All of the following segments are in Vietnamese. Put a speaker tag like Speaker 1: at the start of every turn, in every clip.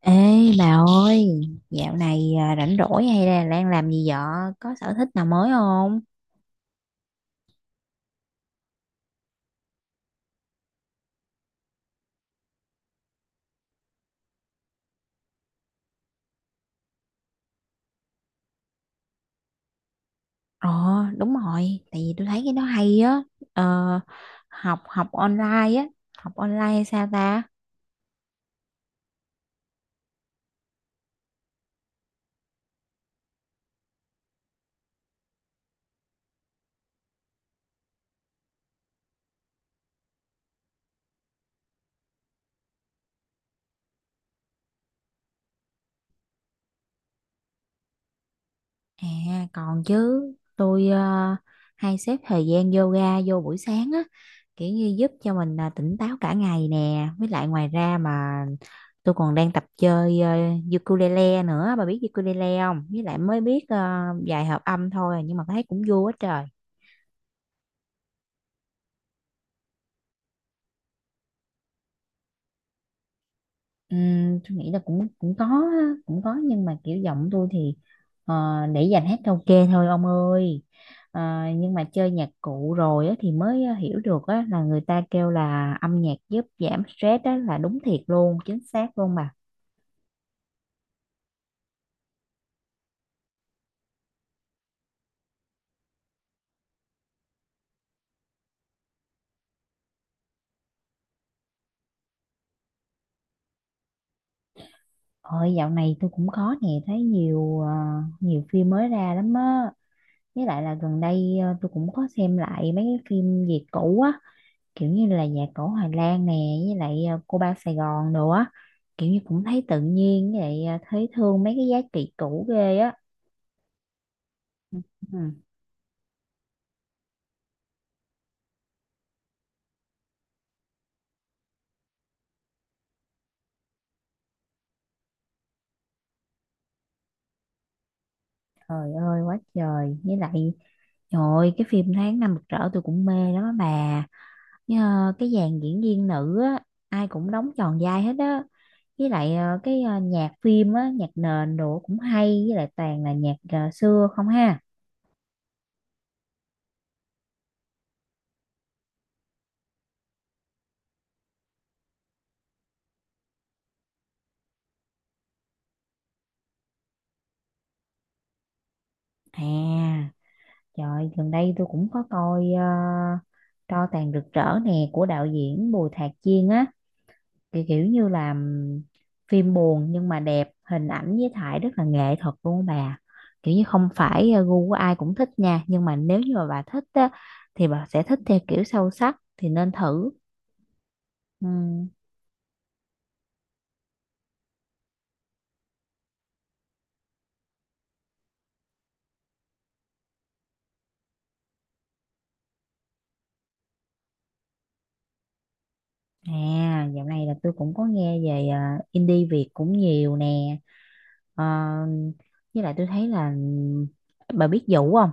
Speaker 1: Ê bà ơi, dạo này rảnh rỗi hay là đang làm gì vợ? Có sở thích nào mới không? Ờ, Đúng rồi, tại vì tôi thấy cái đó hay á. Ờ, học học online á, học online hay sao ta? À, còn chứ, tôi hay xếp thời gian yoga vô buổi sáng á, kiểu như giúp cho mình tỉnh táo cả ngày nè, với lại ngoài ra mà tôi còn đang tập chơi ukulele nữa, bà biết ukulele không? Với lại mới biết vài hợp âm thôi nhưng mà thấy cũng vui quá trời. Tôi nghĩ là cũng cũng có á, cũng có nhưng mà kiểu giọng tôi thì ờ, để dành hát karaoke thôi ông ơi. Ờ, nhưng mà chơi nhạc cụ rồi á, thì mới hiểu được á, là người ta kêu là âm nhạc giúp giảm stress á, là đúng thiệt luôn, chính xác luôn mà. Ôi, dạo này tôi cũng có nè, thấy nhiều nhiều phim mới ra lắm á, với lại là gần đây tôi cũng có xem lại mấy cái phim Việt cũ á, kiểu như là nhạc cổ Hoài Lan nè, với lại cô ba Sài Gòn nữa, kiểu như cũng thấy tự nhiên, với lại thấy thương mấy cái giá trị cũ ghê á. Ừ. Trời ơi, quá trời, với lại trời ơi, cái phim Tháng Năm Rực Rỡ tôi cũng mê lắm á bà, với, cái dàn diễn viên nữ á ai cũng đóng tròn vai hết á, với lại nhạc phim á, nhạc nền đồ cũng hay, với lại toàn là nhạc xưa không ha. À trời, gần đây tôi cũng có coi Tro tàn rực rỡ nè của đạo diễn Bùi Thạc Chiên á, kiểu như là phim buồn nhưng mà đẹp, hình ảnh với thải rất là nghệ thuật luôn á bà. Kiểu như không phải gu của ai cũng thích nha, nhưng mà nếu như mà bà thích á thì bà sẽ thích theo kiểu sâu sắc, thì nên thử. Ừm, À, dạo này là tôi cũng có nghe về indie Việt cũng nhiều nè. Ờ, với lại tôi thấy là bà biết Vũ không?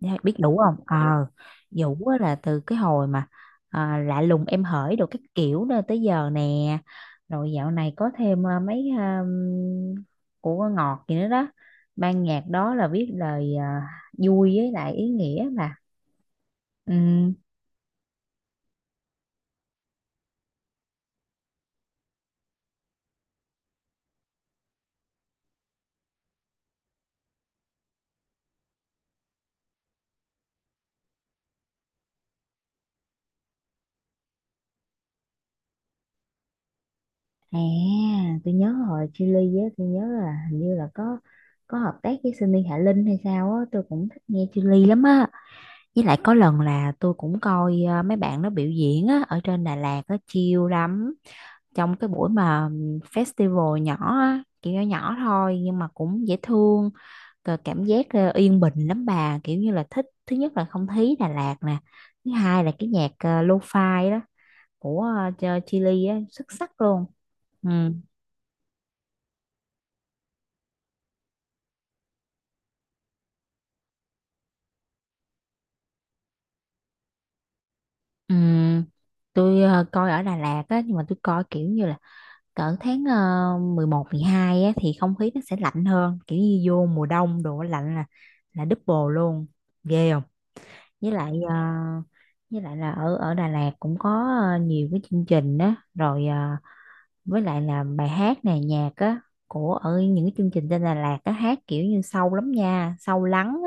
Speaker 1: Dạ, biết đủ không? Ờ, Ừ. Vũ á là từ cái hồi mà à, lạ lùng em hởi đồ các kiểu nữa tới giờ nè. Rồi dạo này có thêm à, mấy à, của Ngọt gì nữa đó. Ban nhạc đó là viết lời à, vui với lại ý nghĩa mà. Ừ. À, tôi nhớ hồi Chillies á, tôi nhớ là hình như là có hợp tác với Sunny Hạ Linh hay sao á, tôi cũng thích nghe Chillies lắm á. Với lại có lần là tôi cũng coi mấy bạn nó biểu diễn á, ở trên Đà Lạt á chill lắm. Trong cái buổi mà festival nhỏ á, kiểu nhỏ nhỏ thôi nhưng mà cũng dễ thương, cờ cảm giác yên bình lắm bà, kiểu như là thích, thứ nhất là không khí Đà Lạt nè, thứ hai là cái nhạc lo-fi đó của Chillies á, xuất sắc luôn. Ừ. Ừ. Tôi coi ở Đà Lạt á, nhưng mà tôi coi kiểu như là cỡ tháng 11, 12 á, thì không khí nó sẽ lạnh hơn, kiểu như vô mùa đông đồ lạnh là double luôn, ghê không? Với lại với lại là ở ở Đà Lạt cũng có nhiều cái chương trình đó rồi, với lại là bài hát này nhạc á của ở những cái chương trình trên Đà Lạt á hát kiểu như sâu lắm nha, sâu lắng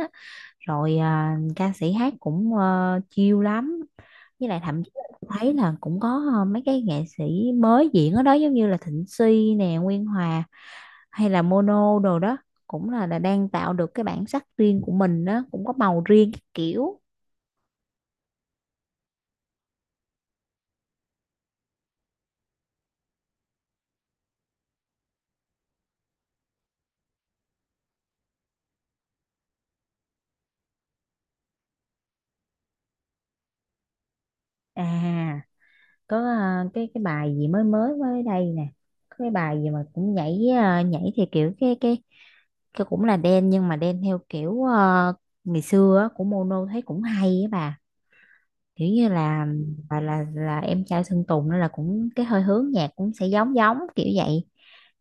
Speaker 1: rồi à, ca sĩ hát cũng chill lắm, với lại thậm chí là tôi thấy là cũng có mấy cái nghệ sĩ mới diễn ở đó, giống như là Thịnh Suy nè, Nguyên Hòa hay là Mono đồ đó, cũng là đang tạo được cái bản sắc riêng của mình đó, cũng có màu riêng các kiểu. À có cái bài gì mới mới mới đây nè, có cái bài gì mà cũng nhảy nhảy thì kiểu cái cũng là đen nhưng mà đen theo kiểu ngày xưa á, của Mono thấy cũng hay á bà, kiểu như là và là em trai Sơn Tùng nên là cũng cái hơi hướng nhạc cũng sẽ giống giống kiểu vậy,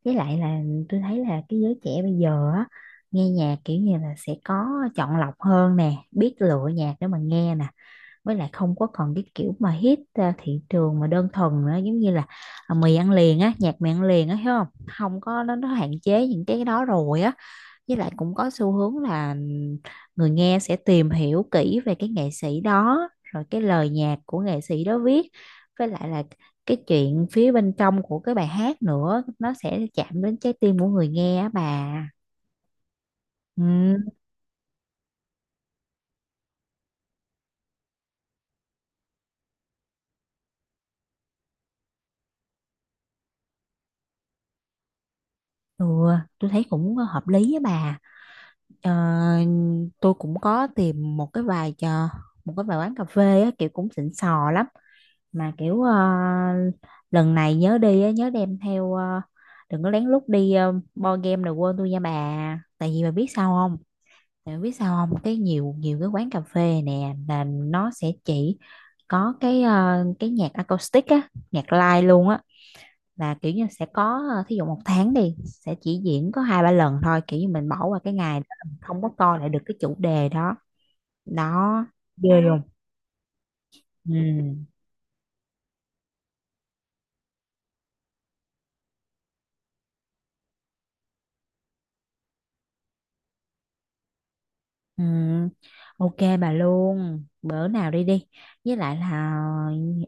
Speaker 1: với lại là tôi thấy là cái giới trẻ bây giờ á nghe nhạc kiểu như là sẽ có chọn lọc hơn nè, biết lựa nhạc để mà nghe nè, với lại không có còn cái kiểu mà hit thị trường mà đơn thuần nữa, giống như là à, mì ăn liền á, nhạc mì ăn liền á, hiểu không, không có, nó hạn chế những cái đó rồi á, với lại cũng có xu hướng là người nghe sẽ tìm hiểu kỹ về cái nghệ sĩ đó rồi cái lời nhạc của nghệ sĩ đó viết, với lại là cái chuyện phía bên trong của cái bài hát nữa, nó sẽ chạm đến trái tim của người nghe á bà. Ừ, ừ, tôi thấy cũng hợp lý á bà. Ờ, tôi cũng có tìm một cái vài quán cà phê á, kiểu cũng xịn sò lắm, mà kiểu lần này nhớ đi á, nhớ đem theo đừng có lén lút đi board game rồi quên tôi nha bà, tại vì bà biết sao không, tại vì biết sao không, cái nhiều nhiều cái quán cà phê nè là nó sẽ chỉ có cái cái nhạc acoustic á, nhạc live luôn á, là kiểu như sẽ có thí dụ một tháng đi sẽ chỉ diễn có hai ba lần thôi, kiểu như mình bỏ qua cái ngày đó mình không có coi lại được cái chủ đề đó. Đó, ghê luôn. Ừ. Ừ, ok bà luôn, bữa nào đi đi, với lại là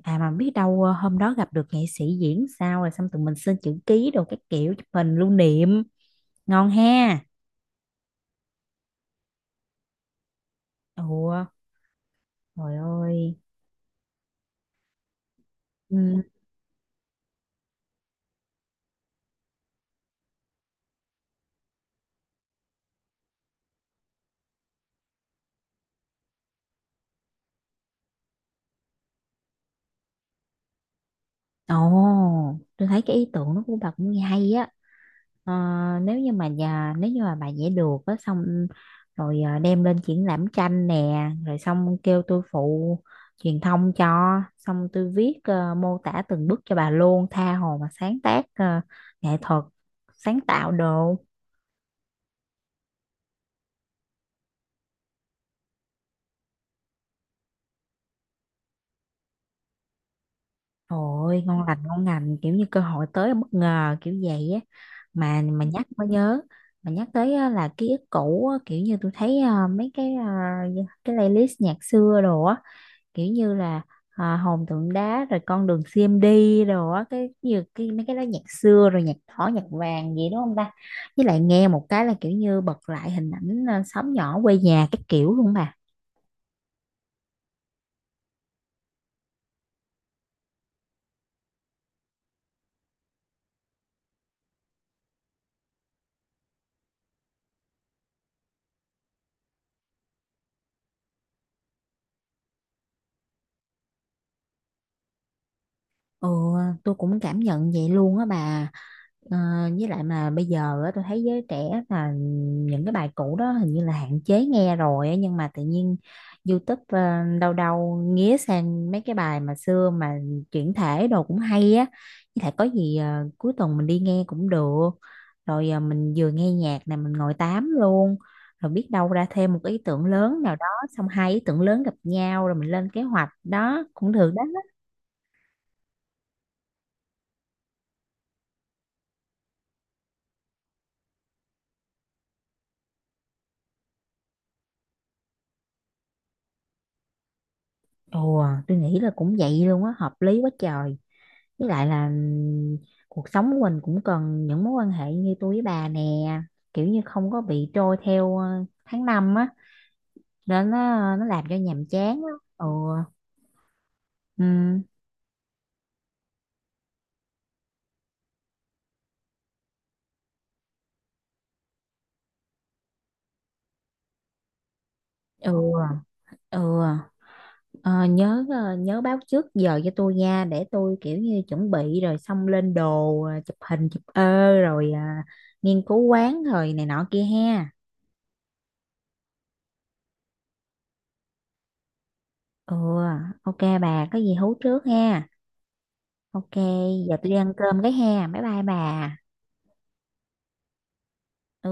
Speaker 1: à mà biết đâu hôm đó gặp được nghệ sĩ diễn sao rồi xong tụi mình xin chữ ký đồ các kiểu, chụp hình lưu niệm, ngon ha. Ủa trời ơi. Ừ. Ồ, tôi thấy cái ý tưởng đó của bà cũng hay á. Ờ, Nếu như mà bà vẽ được á, xong rồi đem lên triển lãm tranh nè, rồi xong kêu tôi phụ truyền thông cho, xong tôi viết mô tả từng bước cho bà luôn, tha hồ mà sáng tác nghệ thuật, sáng tạo đồ. Ôi ngon lành, ngon lành, kiểu như cơ hội tới bất ngờ kiểu vậy á. Mà nhắc mới nhớ, mà nhắc tới á, là ký ức cũ á, kiểu như tôi thấy mấy cái cái playlist nhạc xưa đồ á, kiểu như là à, hồn tượng đá rồi con đường CMD đồ á, cái như cái mấy cái đó, nhạc xưa rồi nhạc đỏ nhạc vàng gì đúng không ta, với lại nghe một cái là kiểu như bật lại hình ảnh à, xóm nhỏ quê nhà cái kiểu luôn bà. Ừ, tôi cũng cảm nhận vậy luôn á bà. Ờ, với lại mà bây giờ á, tôi thấy giới trẻ là những cái bài cũ đó hình như là hạn chế nghe rồi á, nhưng mà tự nhiên YouTube đâu đâu nghía sang mấy cái bài mà xưa mà chuyển thể đồ cũng hay á, với lại có gì cuối tuần mình đi nghe cũng được, rồi mình vừa nghe nhạc này mình ngồi tám luôn, rồi biết đâu ra thêm một ý tưởng lớn nào đó, xong hai ý tưởng lớn gặp nhau rồi mình lên kế hoạch đó cũng được đó. Ồ, à, tôi nghĩ là cũng vậy luôn á, hợp lý quá trời. Với lại là cuộc sống của mình cũng cần những mối quan hệ như tôi với bà nè, kiểu như không có bị trôi theo tháng năm á, nên nó làm cho nhàm chán á. Ừ, ừm, ừ, ừ. Ờ, Nhớ nhớ báo trước giờ cho tôi nha, để tôi kiểu như chuẩn bị rồi xong lên đồ chụp hình chụp ơ rồi à, nghiên cứu quán rồi này nọ kia ha. Ừ, ok bà, có gì hú trước ha. Ok, giờ tôi đi ăn cơm cái ha. Bye bye bà. Ừ.